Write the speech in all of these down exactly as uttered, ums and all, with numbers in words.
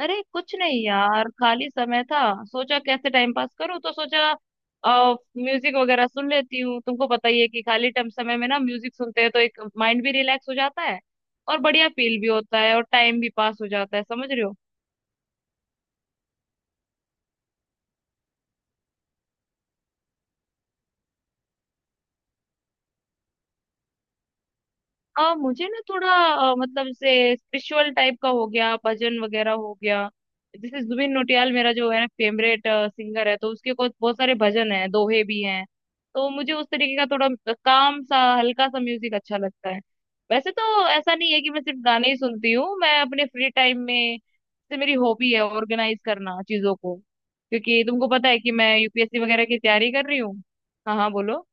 अरे कुछ नहीं यार, खाली समय था। सोचा कैसे टाइम पास करूं, तो सोचा आ, म्यूजिक वगैरह सुन लेती हूँ। तुमको पता ही है कि खाली टाइम समय में ना म्यूजिक सुनते हैं तो एक माइंड भी रिलैक्स हो जाता है, और बढ़िया फील भी होता है और टाइम भी पास हो जाता है, समझ रहे हो। आ, मुझे ना थोड़ा अ, मतलब जैसे स्पिरिचुअल टाइप का हो गया, भजन वगैरह हो गया। जैसे जुबिन नौटियाल मेरा जो है ना फेवरेट सिंगर है, तो उसके कुछ बहुत सारे भजन हैं, दोहे भी हैं। तो मुझे उस तरीके का थोड़ा काम सा हल्का सा म्यूजिक अच्छा लगता है। वैसे तो ऐसा नहीं है कि मैं सिर्फ गाने ही सुनती हूँ, मैं अपने फ्री टाइम में जैसे मेरी हॉबी है ऑर्गेनाइज करना चीजों को, क्योंकि तुमको पता है कि मैं यूपीएससी वगैरह की तैयारी कर रही हूँ। हाँ हाँ बोलो।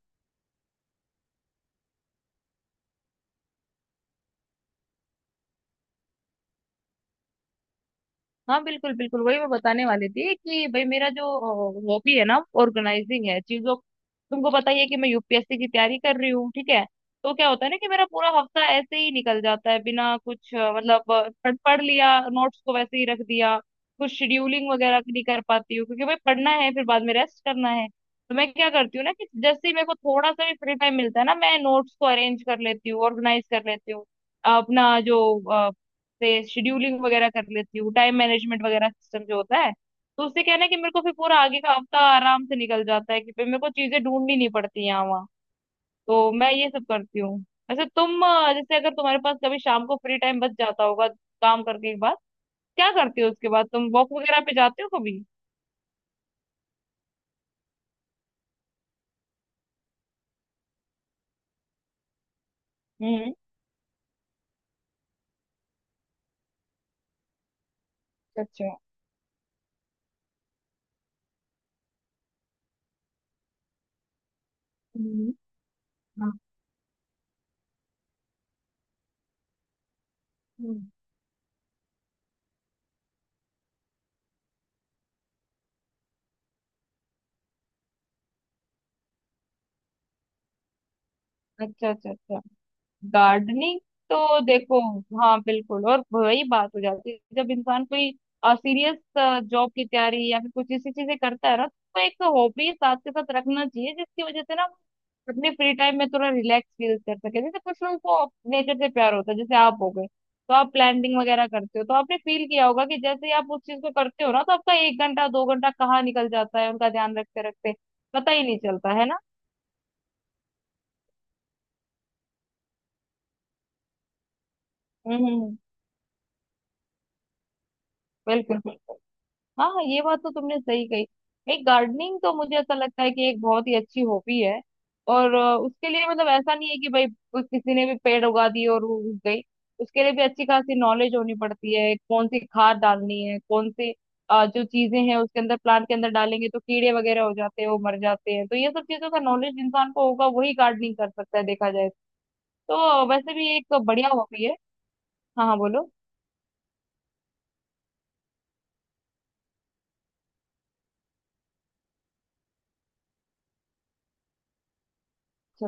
हाँ बिल्कुल बिल्कुल, वही मैं बताने वाली थी कि भाई मेरा जो हॉबी है ना ऑर्गेनाइजिंग है चीजों। तुमको पता ही है कि मैं यूपीएससी की तैयारी कर रही हूँ, ठीक है। तो क्या होता है ना कि मेरा पूरा हफ्ता ऐसे ही निकल जाता है बिना कुछ, अ, मतलब अ, पढ़ पढ़ लिया नोट्स को वैसे ही रख दिया। कुछ शेड्यूलिंग वगैरह नहीं कर पाती हूँ, क्योंकि भाई पढ़ना है फिर बाद में रेस्ट करना है। तो मैं क्या करती हूँ ना कि जैसे ही मेरे को थोड़ा सा भी फ्री टाइम मिलता है ना, मैं नोट्स को अरेंज कर लेती हूँ, ऑर्गेनाइज कर लेती हूँ। अपना जो से शेड्यूलिंग वगैरह कर लेती हूँ, टाइम मैनेजमेंट वगैरह सिस्टम जो होता है। तो उससे क्या है ना कि मेरे को फिर पूरा आगे का हफ्ता आराम से निकल जाता है, कि फिर मेरे को चीजें ढूंढनी नहीं पड़ती यहाँ वहाँ। तो मैं ये सब करती हूँ। वैसे तुम अ, जैसे अगर तुम्हारे पास कभी शाम को फ्री टाइम बच जाता होगा काम करके एक बार, क्या करती हो उसके बाद, तुम वॉक वगैरह पे जाते हो कभी। हम्म। अच्छा अच्छा। हम्म। हाँ, हम्म। अच्छा अच्छा अच्छा, गार्डनिंग। तो देखो, हाँ बिल्कुल, और वही बात हो जाती है, जब इंसान कोई सीरियस जॉब की तैयारी या फिर कुछ ऐसी चीजें करता है ना, तो एक हॉबी साथ के साथ रखना चाहिए, जिसकी वजह से ना वो अपने फ्री टाइम में थोड़ा रिलैक्स फील कर सके। जैसे कुछ लोगों को नेचर से प्यार होता है, जैसे आप हो गए। तो आप प्लानिंग वगैरह करते हो, तो आपने फील किया होगा कि जैसे ही आप उस चीज को करते हो ना, तो आपका एक घंटा दो घंटा कहाँ निकल जाता है उनका ध्यान रखते रखते, पता ही नहीं चलता है ना। हम्म हम्म, बिल्कुल। हाँ हाँ, ये बात तो तुमने सही कही। एक गार्डनिंग तो मुझे ऐसा लगता है कि एक बहुत ही अच्छी हॉबी है। और अ, उसके लिए मतलब ऐसा नहीं है कि भाई कुछ किसी ने भी पेड़ उगा दिए और वो उग गई। उसके लिए भी अच्छी खासी नॉलेज होनी पड़ती है, कौन सी खाद डालनी है, कौन सी अ, जो चीजें हैं उसके अंदर, प्लांट के अंदर डालेंगे तो कीड़े वगैरह हो जाते हैं, वो मर जाते हैं। तो ये सब चीजों का नॉलेज इंसान को होगा वही गार्डनिंग कर सकता है, देखा जाए तो वैसे भी एक बढ़िया हॉबी है। हाँ हाँ बोलो।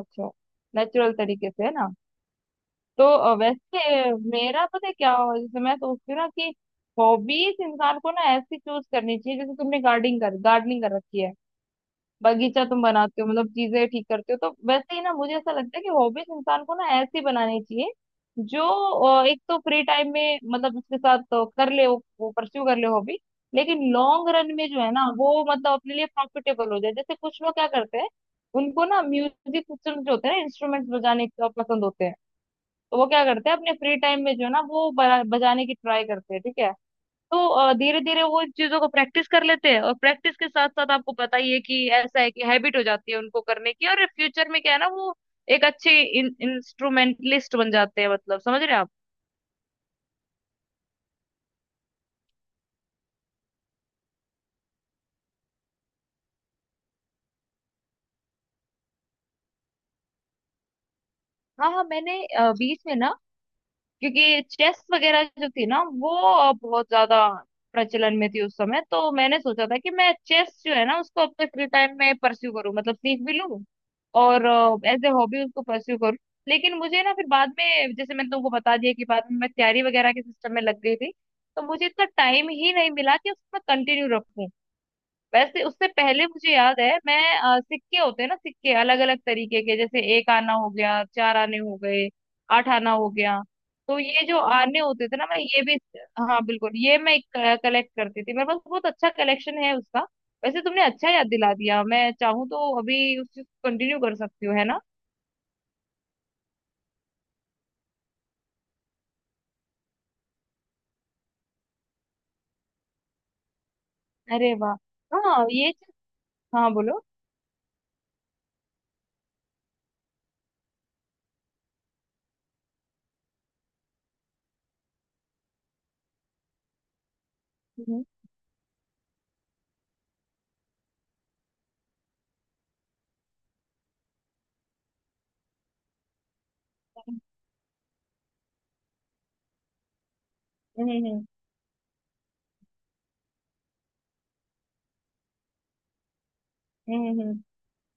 अच्छा अच्छा, नेचुरल तरीके से, है ना। तो अ, वैसे मेरा पता है क्या हो, जैसे मैं सोचती हूँ ना कि हॉबीज इंसान को ना ऐसी चूज करनी चाहिए, जैसे तुमने गार्डनिंग कर गार्डनिंग कर रखी है, बगीचा तुम बनाते हो, मतलब चीजें ठीक करते हो। तो वैसे ही ना मुझे ऐसा लगता है कि हॉबीज इंसान को ना ऐसी बनानी चाहिए जो अ, एक तो फ्री टाइम में मतलब उसके साथ तो कर ले, वो परस्यू कर ले हॉबी, लेकिन लॉन्ग रन में जो है ना, वो मतलब अपने लिए प्रॉफिटेबल हो जाए। जैसे कुछ लोग क्या करते हैं, उनको ना म्यूजिक सिस्टम जो होते हैं ना, इंस्ट्रूमेंट्स बजाने का पसंद होते हैं। तो वो क्या करते हैं अपने फ्री टाइम में जो है ना, वो बजा- बजाने की ट्राई करते हैं, ठीक है। तो धीरे धीरे वो इन चीजों को प्रैक्टिस कर लेते हैं, और प्रैक्टिस के साथ साथ आपको पता ही है कि ऐसा है कि हैबिट हो जाती है उनको करने की, और फ्यूचर में क्या है ना, वो एक अच्छे इंस्ट्रूमेंटलिस्ट बन जाते हैं, मतलब समझ रहे हैं आप। हाँ हाँ, मैंने अ, बीच में ना, क्योंकि चेस वगैरह जो थी ना वो अ, बहुत ज्यादा प्रचलन में थी उस समय, तो मैंने सोचा था कि मैं चेस जो है ना उसको अपने फ्री टाइम में परस्यू करूँ, मतलब सीख भी लूँ, और एज ए हॉबी उसको परस्यू करूँ। लेकिन मुझे ना फिर बाद में, जैसे मैंने तुमको बता दिया, कि बाद में मैं तैयारी वगैरह के सिस्टम में लग गई थी, तो मुझे इतना टाइम ही नहीं मिला कि उसको मैं कंटिन्यू रखूं। वैसे उससे पहले मुझे याद है, मैं अ, सिक्के होते हैं ना, सिक्के अलग अलग तरीके के, जैसे एक आना हो गया, चार आने हो गए, आठ आना हो गया। तो ये जो आने होते थे ना, मैं ये भी, हाँ बिल्कुल, ये मैं कलेक्ट करती थी। मेरे पास बहुत अच्छा कलेक्शन है उसका। वैसे तुमने अच्छा याद दिला दिया, मैं चाहूँ तो अभी उस चीज को कंटिन्यू कर सकती हूँ, है ना। अरे वाह। हाँ ये चीज, हाँ बोलो। हम्म हम्म हम्म। हम्म हम्म, हम्म,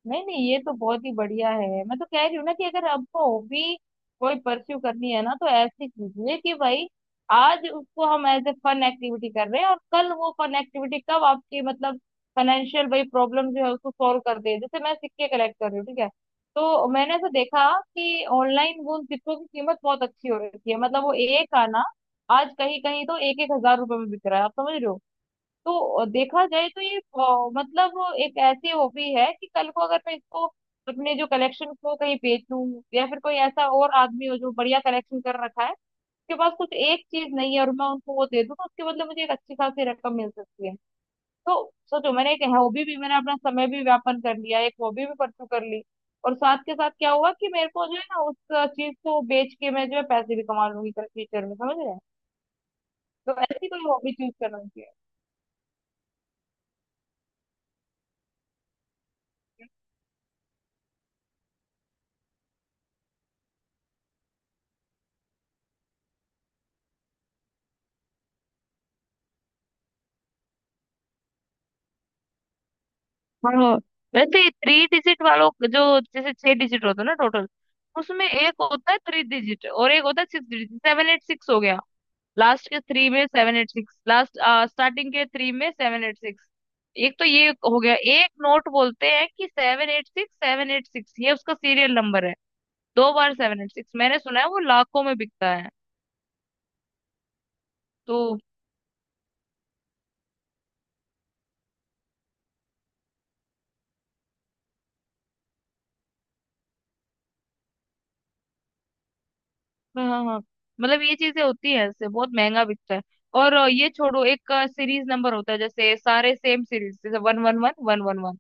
नहीं नहीं, ये तो बहुत ही बढ़िया है। मैं तो कह रही हूँ ना कि अगर आपको हॉबी कोई परस्यू करनी है ना, तो ऐसी कीजिए कि भाई आज उसको हम एज ए फन एक्टिविटी कर रहे हैं, और कल वो फन एक्टिविटी कब आपकी मतलब फाइनेंशियल भाई प्रॉब्लम जो है उसको सॉल्व कर दे। जैसे मैं सिक्के कलेक्ट कर रही हूँ, ठीक है। तो मैंने ऐसा देखा कि ऑनलाइन वो उन सिक्कों की कीमत बहुत अच्छी हो रखी है, मतलब वो एक आना आज कहीं कहीं तो एक एक हजार रुपए में बिक रहा है, आप समझ रहे हो। तो देखा जाए तो ये अ, मतलब एक ऐसी हॉबी है कि कल को अगर मैं इसको, अपने जो कलेक्शन को कहीं बेचूं, या फिर कोई ऐसा और आदमी हो जो बढ़िया कलेक्शन कर रखा है, उसके पास कुछ एक चीज नहीं है और मैं उनको वो दे दूं, तो उसके बदले मुझे एक अच्छी खासी रकम मिल सकती है। तो सोचो, मैंने एक हॉबी भी, मैंने अपना समय भी व्यापन कर लिया, एक हॉबी भी परसू कर ली, और साथ के साथ क्या हुआ कि मेरे को जो है ना उस चीज को बेच के मैं जो है पैसे भी कमा लूंगी फ्यूचर में, समझ रहे हैं। तो ऐसी कोई हॉबी चूज करना चाहिए। हाँ वैसे थ्री डिजिट वालों का जो, जैसे छह डिजिट होता है ना टोटल, उसमें एक होता है थ्री डिजिट और एक होता है six digit. Seven eight six हो गया, लास्ट के थ्री में seven eight six last, starting के थ्री में सेवन एट सिक्स। एक तो ये हो गया, एक नोट बोलते हैं कि seven eight six seven eight six, ये उसका सीरियल नंबर है, दो बार सेवन एट सिक्स। मैंने सुना है वो लाखों में बिकता है। तो हाँ हाँ हाँ। मतलब ये चीजें होती है, इससे बहुत महंगा बिकता है। और अ, ये छोड़ो, एक सीरीज नंबर होता है, जैसे सारे सेम सीरीज, जैसे one one one one one one,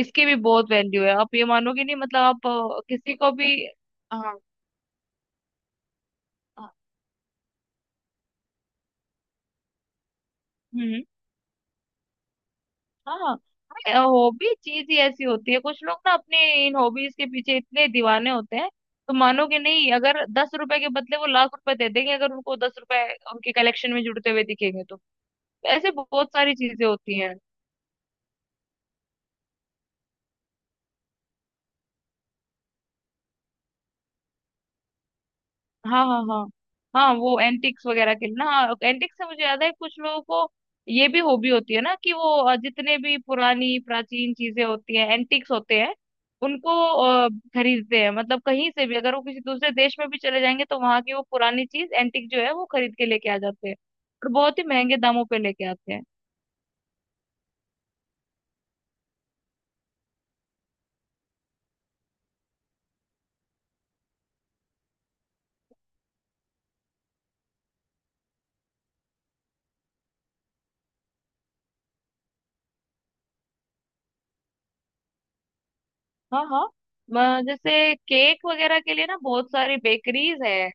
इसके भी बहुत वैल्यू है। आप ये मानोगे नहीं, मतलब आप अ, किसी को भी, हाँ हाँ। हम्म, हम्म। हाँ, हॉबी चीज ही ऐसी होती है, कुछ लोग ना अपने इन हॉबीज के पीछे इतने दीवाने होते हैं, तो मानोगे नहीं, अगर दस रुपए के बदले वो लाख रुपए दे देंगे, अगर उनको दस रुपए उनके कलेक्शन में जुड़ते हुए दिखेंगे तो। ऐसे बहुत सारी चीजें होती हैं। हाँ हाँ हाँ, हाँ, वो एंटिक्स वगैरह के लिए ना। एंटिक्स से मुझे याद है, कुछ लोगों को ये भी हॉबी होती है ना, कि वो अ, जितने भी पुरानी प्राचीन चीजें होती हैं, एंटिक्स होते हैं, उनको अ, खरीदते हैं। मतलब कहीं से भी अगर वो किसी दूसरे देश में भी चले जाएंगे, तो वहां की वो पुरानी चीज एंटिक जो है वो खरीद के लेके आ जाते हैं, और बहुत ही महंगे दामों पे लेके आते हैं। हाँ हाँ, म- जैसे केक वगैरह के लिए ना बहुत सारी बेकरीज है,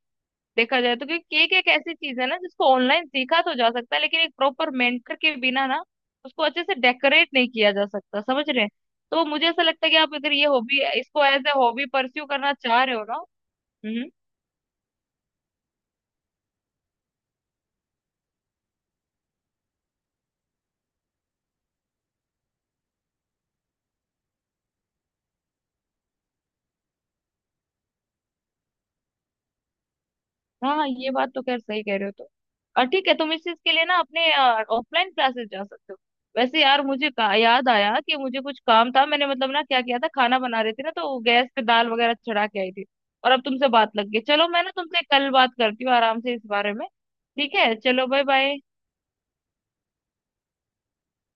देखा जाए तो, क्योंकि केक एक ऐसी चीज है ना जिसको ऑनलाइन सीखा तो जा सकता है, लेकिन एक प्रॉपर मेंटर के बिना ना उसको अच्छे से डेकोरेट नहीं किया जा सकता, समझ रहे हैं। तो मुझे ऐसा लगता है कि आप अगर ये हॉबी, इसको एज ए हॉबी परस्यू करना चाह रहे हो ना। हम्म, हाँ हाँ, ये बात तो खैर सही कह रहे हो तुम। और ठीक है, तुम इस चीज के लिए ना अपने ऑफलाइन क्लासेस जा सकते हो। वैसे यार मुझे का, याद आया कि मुझे कुछ काम था, मैंने मतलब ना क्या किया था, खाना बना रही थी ना, तो गैस पे दाल वगैरह चढ़ा के आई थी, और अब तुमसे बात लग गई। चलो मैं ना तुमसे कल बात करती हूँ आराम से इस बारे में। ठीक है, चलो बाय बाय।